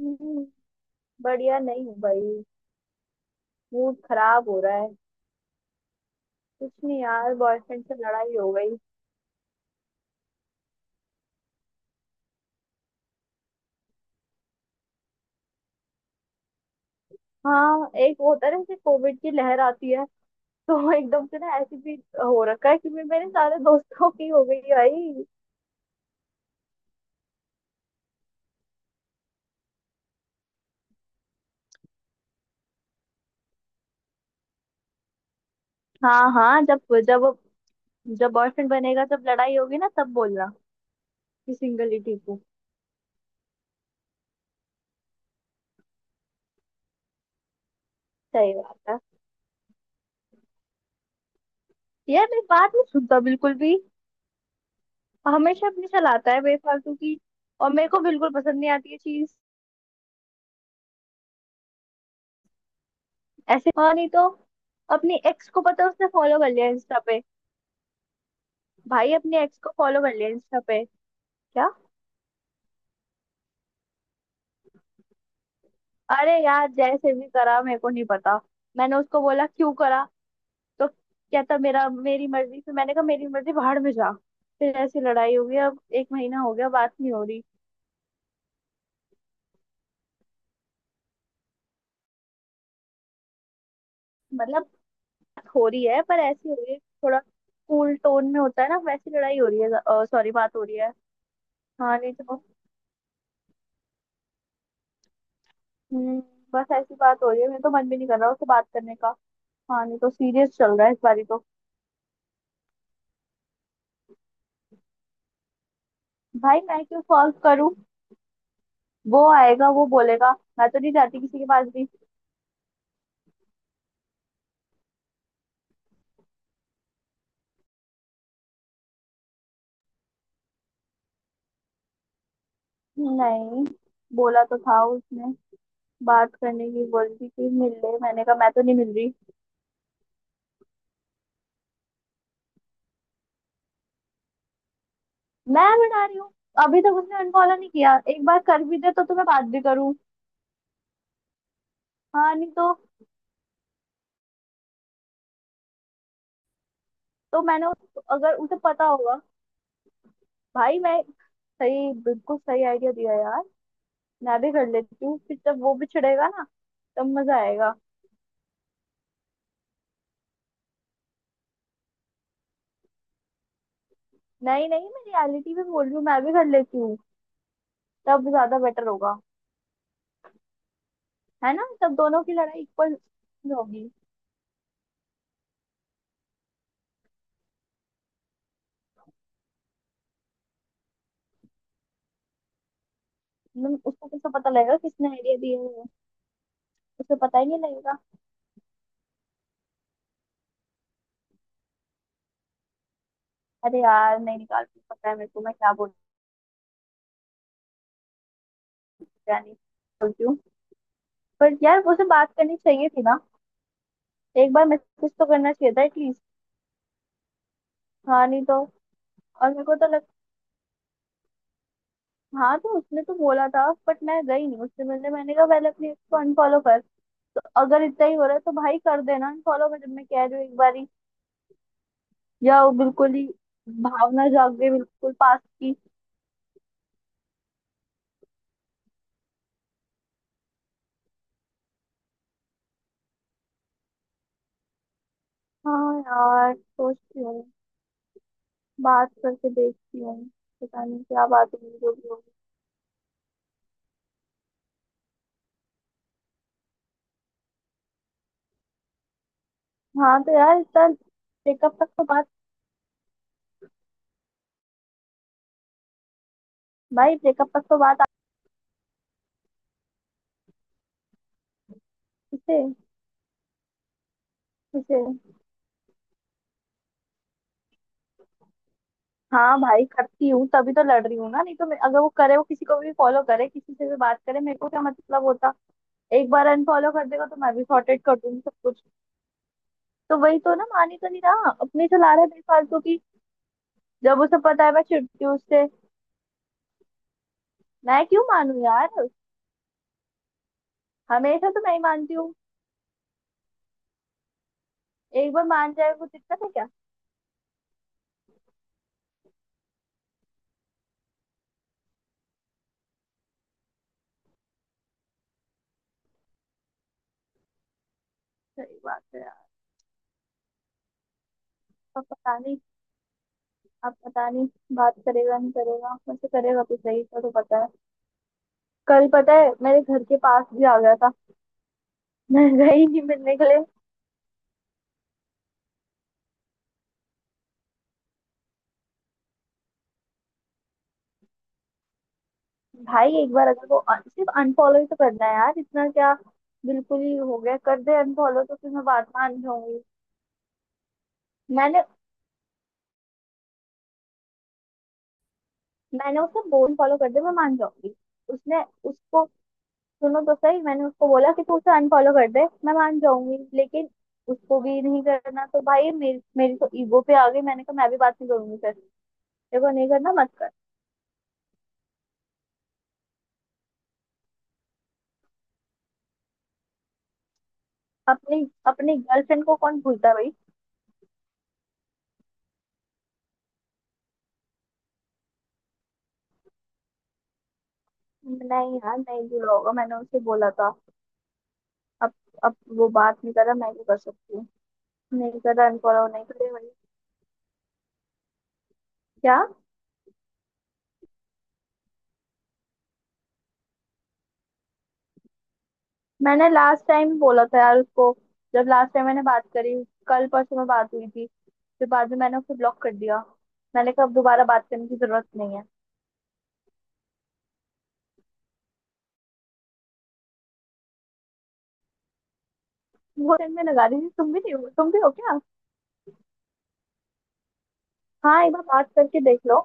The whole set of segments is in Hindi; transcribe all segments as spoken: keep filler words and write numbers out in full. हम्म, बढ़िया नहीं हूँ भाई। मूड खराब हो रहा है। कुछ नहीं यार, बॉयफ्रेंड से लड़ाई हो गई। हाँ, एक होता है ना, जैसे कोविड की लहर आती है, तो एकदम से ना ऐसे भी हो रखा है कि मैं- मेरे सारे दोस्तों की हो गई है भाई। हाँ हाँ, जब जब जब बॉयफ्रेंड बनेगा, जब लड़ाई होगी ना, तब बोलना कि सिंगल ही ठीक हूँ। सही बात है। यार मेरी बात नहीं सुनता बिल्कुल भी, हमेशा अपनी चलाता है बेफालतू की, और मेरे को बिल्कुल पसंद नहीं आती ये चीज। ऐसे हाँ नहीं तो, अपनी एक्स को पता है उसने फॉलो कर लिया इंस्टा पे। भाई अपने एक्स को फॉलो कर लिया इंस्टा पे क्या। अरे यार जैसे भी करा मेरे को नहीं पता। मैंने उसको बोला क्यों करा, तो कहता मेरा मेरी मर्जी, फिर मैंने कहा मेरी मर्जी बाहर में जा। फिर ऐसी लड़ाई हो गई, अब एक महीना हो गया बात नहीं हो रही। मतलब, बात हो रही है पर ऐसी हो रही है थोड़ा, कूल टोन में होता है ना वैसी, लड़ाई हो रही है, सॉरी बात हो रही है। हाँ नहीं तो। हम्म बस ऐसी बात हो रही है, मेरे तो मन भी नहीं कर रहा उससे बात करने का। हाँ नहीं तो, सीरियस चल रहा है इस बारी तो। भाई मैं क्यों सॉल्व करूं, वो आएगा वो बोलेगा, मैं तो नहीं जाती किसी के पास भी। नहीं, बोला तो था उसने, बात करने की बोली थी कि मिल ले, मैंने कहा मैं तो नहीं मिल रही। मैं बना रही हूँ, अभी तक उसने अनफॉलो नहीं किया, एक बार कर भी दे तो तुम्हें बात भी करूँ। हाँ नहीं तो, तो मैंने उस, अगर उसे पता होगा, भाई मैं, सही बिल्कुल सही आइडिया दिया यार। मैं भी कर लेती हूँ, फिर जब वो भी छिड़ेगा ना तब मजा आएगा। नहीं नहीं, मैं रियलिटी में बोल रही हूँ, मैं भी कर लेती हूँ, तब ज्यादा बेटर होगा। है ना, तब दोनों की लड़ाई इक्वल होगी। मतलब उसको कैसे पता लगेगा किसने आइडिया दिए है, उसे पता ही नहीं लगेगा। अरे यार नहीं, निकाल के पता है मेरे को मैं क्या बोल क्या नहीं बोलती हूँ। पर यार उसे बात करनी चाहिए थी ना, एक बार मैसेज तो करना चाहिए था एटलीस्ट। हाँ नहीं तो, और मेरे को तो लग, हाँ तो उसने तो बोला था बट मैं गई नहीं उससे मिलने, मैंने कहा पहले अपने ex को अनफॉलो कर। तो अगर इतना ही हो रहा है तो भाई कर देना अनफॉलो, मैं जब मैं कह रही हूँ एक बारी, या वो बिल्कुल ही भावना जाग गई बिल्कुल पास की। हाँ यार, सोचती हूँ, बात करके देखती हूँ। पता नहीं क्या बात होगी, जो भी होगी। हाँ तो यार, इतना ब्रेकअप तक तो बात, भाई ब्रेकअप तक तो बात आती से। किसे? हाँ भाई करती हूँ, तभी तो लड़ रही हूँ ना, नहीं तो मैं, अगर वो करे वो किसी को भी फॉलो करे किसी से भी बात करे, मेरे को क्या मतलब होता। एक बार अनफॉलो कर देगा तो मैं भी सॉर्टेड कर दूंगी सब कुछ। तो वही तो ना, मान ही तो नहीं रहा, अपने चला रहा है बेफालतू की। जब उसे पता है मैं चिढ़ती हूँ उससे। मैं क्यों मानू यार, हमेशा तो मैं ही मानती हूँ, एक बार मान जाए कुछ दिक्कत है क्या। सही बात है। यार अब पता नहीं, अब पता नहीं, बात करेगा नहीं करेगा, वैसे करेगा तो सही, इसका तो पता है। कल पता है मेरे घर के पास भी आ गया था मैं गई नहीं मिलने के लिए। भाई एक बार अगर वो un- सिर्फ अनफॉलो ही तो करना है यार, इतना क्या बिल्कुल ही हो गया, कर दे अनफॉलो तो फिर मैं बात मान जाऊंगी। मैंने मैंने उसको बोल फॉलो कर दे मैं मान जाऊंगी। उसने, उसको, सुनो तो सही, मैंने उसको बोला कि तू उसे अनफॉलो कर दे मैं मान जाऊंगी, लेकिन उसको भी नहीं करना, तो भाई मेरी मेरी तो ईगो पे आ गई, मैंने कहा मैं भी बात नहीं करूंगी फिर, देखो नहीं करना मत कर। अपनी अपनी गर्लफ्रेंड को कौन भूलता है भाई। नहीं यार, नहीं भूला होगा, मैंने उसे बोला था। अब अब वो बात नहीं कर रहा, मैं भी कर सकती हूँ। नहीं कर रहा अनफॉलो, नहीं करे भाई। क्या? मैंने लास्ट टाइम बोला था यार उसको, जब लास्ट टाइम मैंने बात करी, कल परसों में बात हुई थी, फिर बाद में मैंने उसको ब्लॉक कर दिया। मैंने कहा अब दोबारा बात करने की जरूरत नहीं है। वो टाइम में लगा रही थी, तुम भी नहीं हो, तुम भी हो क्या। हाँ एक बार बात करके देख लो,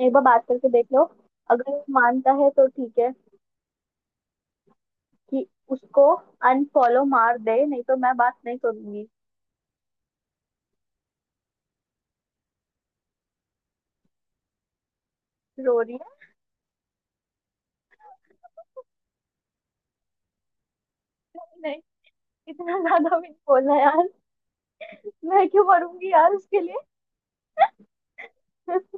एक बार बात करके देख लो, अगर वो मानता है तो ठीक है। कि उसको अनफॉलो मार दे, नहीं तो मैं बात नहीं करूंगी। रो रही है? नहीं, इतना ज्यादा भी नहीं बोलना यार, मैं क्यों मरूंगी यार उसके लिए।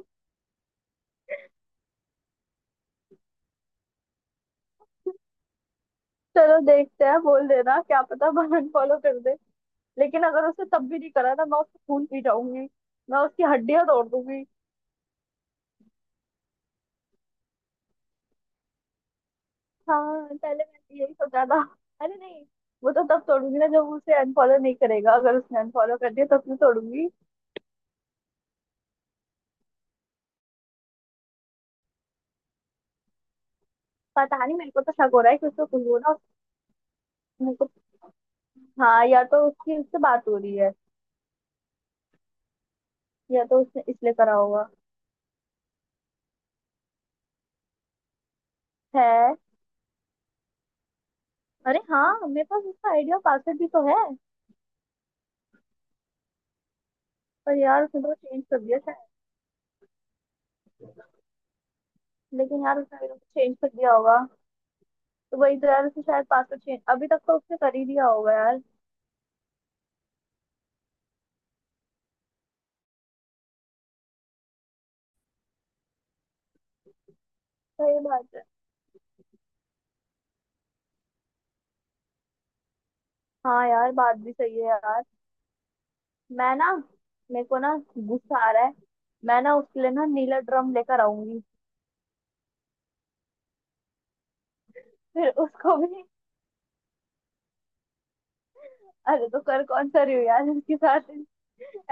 चलो देखते हैं, बोल देना, क्या पता बहन फॉलो कर दे। लेकिन अगर उसने तब भी नहीं करा ना, मैं उसको खून पी जाऊंगी, मैं उसकी हड्डियां तोड़ दूंगी। हाँ पहले मैंने यही सोचा था। अरे नहीं, वो तो तब तोड़ूंगी ना जब वो उसे अनफॉलो नहीं करेगा, अगर उसने अनफॉलो कर दिया तब मैं तोड़ूंगी। पता नहीं, मेरे को तो शक हो रहा है कि उसको कुछ बोला मेरे को। हाँ, या तो उसकी उससे बात हो रही है, या तो उसने इसलिए करा होगा। है। अरे हाँ, मेरे पास उसका आइडिया पासवर्ड भी तो है। पर यार उसने तो चेंज कर दिया शायद। लेकिन यार उसने मेरे को चेंज कर दिया होगा, तो वही तो यार, उसने शायद पासवर्ड चेंज अभी तक तो उसने कर ही दिया होगा यार। सही बात है। हाँ यार बात भी सही है यार। मैं ना, मेरे को ना गुस्सा आ रहा है, मैं ना उसके लिए ना नीला ड्रम लेकर आऊंगी, फिर उसको भी अरे तो कर कौन सा रही हूँ यार उसके साथ,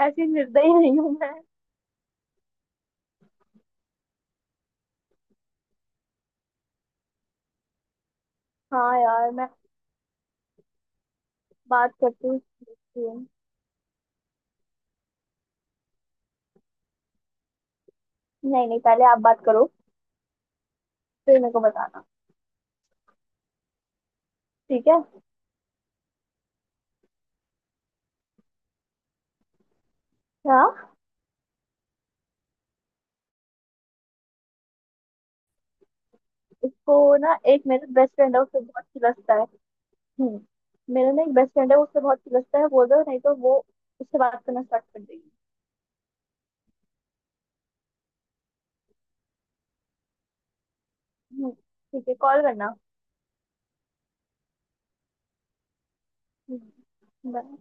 ऐसी निर्दयी नहीं हूँ मैं। हाँ यार, मैं बात करती हूँ उससे। नहीं नहीं, पहले आप बात करो, फिर मेरे को बताना। ठीक है। हाँ, उसको ना, एक मेरा बेस्ट फ्रेंड है उससे बहुत खिलस्ता है। हम्म, मेरा ना एक बेस्ट फ्रेंड है उससे बहुत खिलस्ता है, बोल दो, नहीं तो वो उससे बात करना स्टार्ट कर देगी। हम्म ठीक है, कॉल करना। हम्म, bye.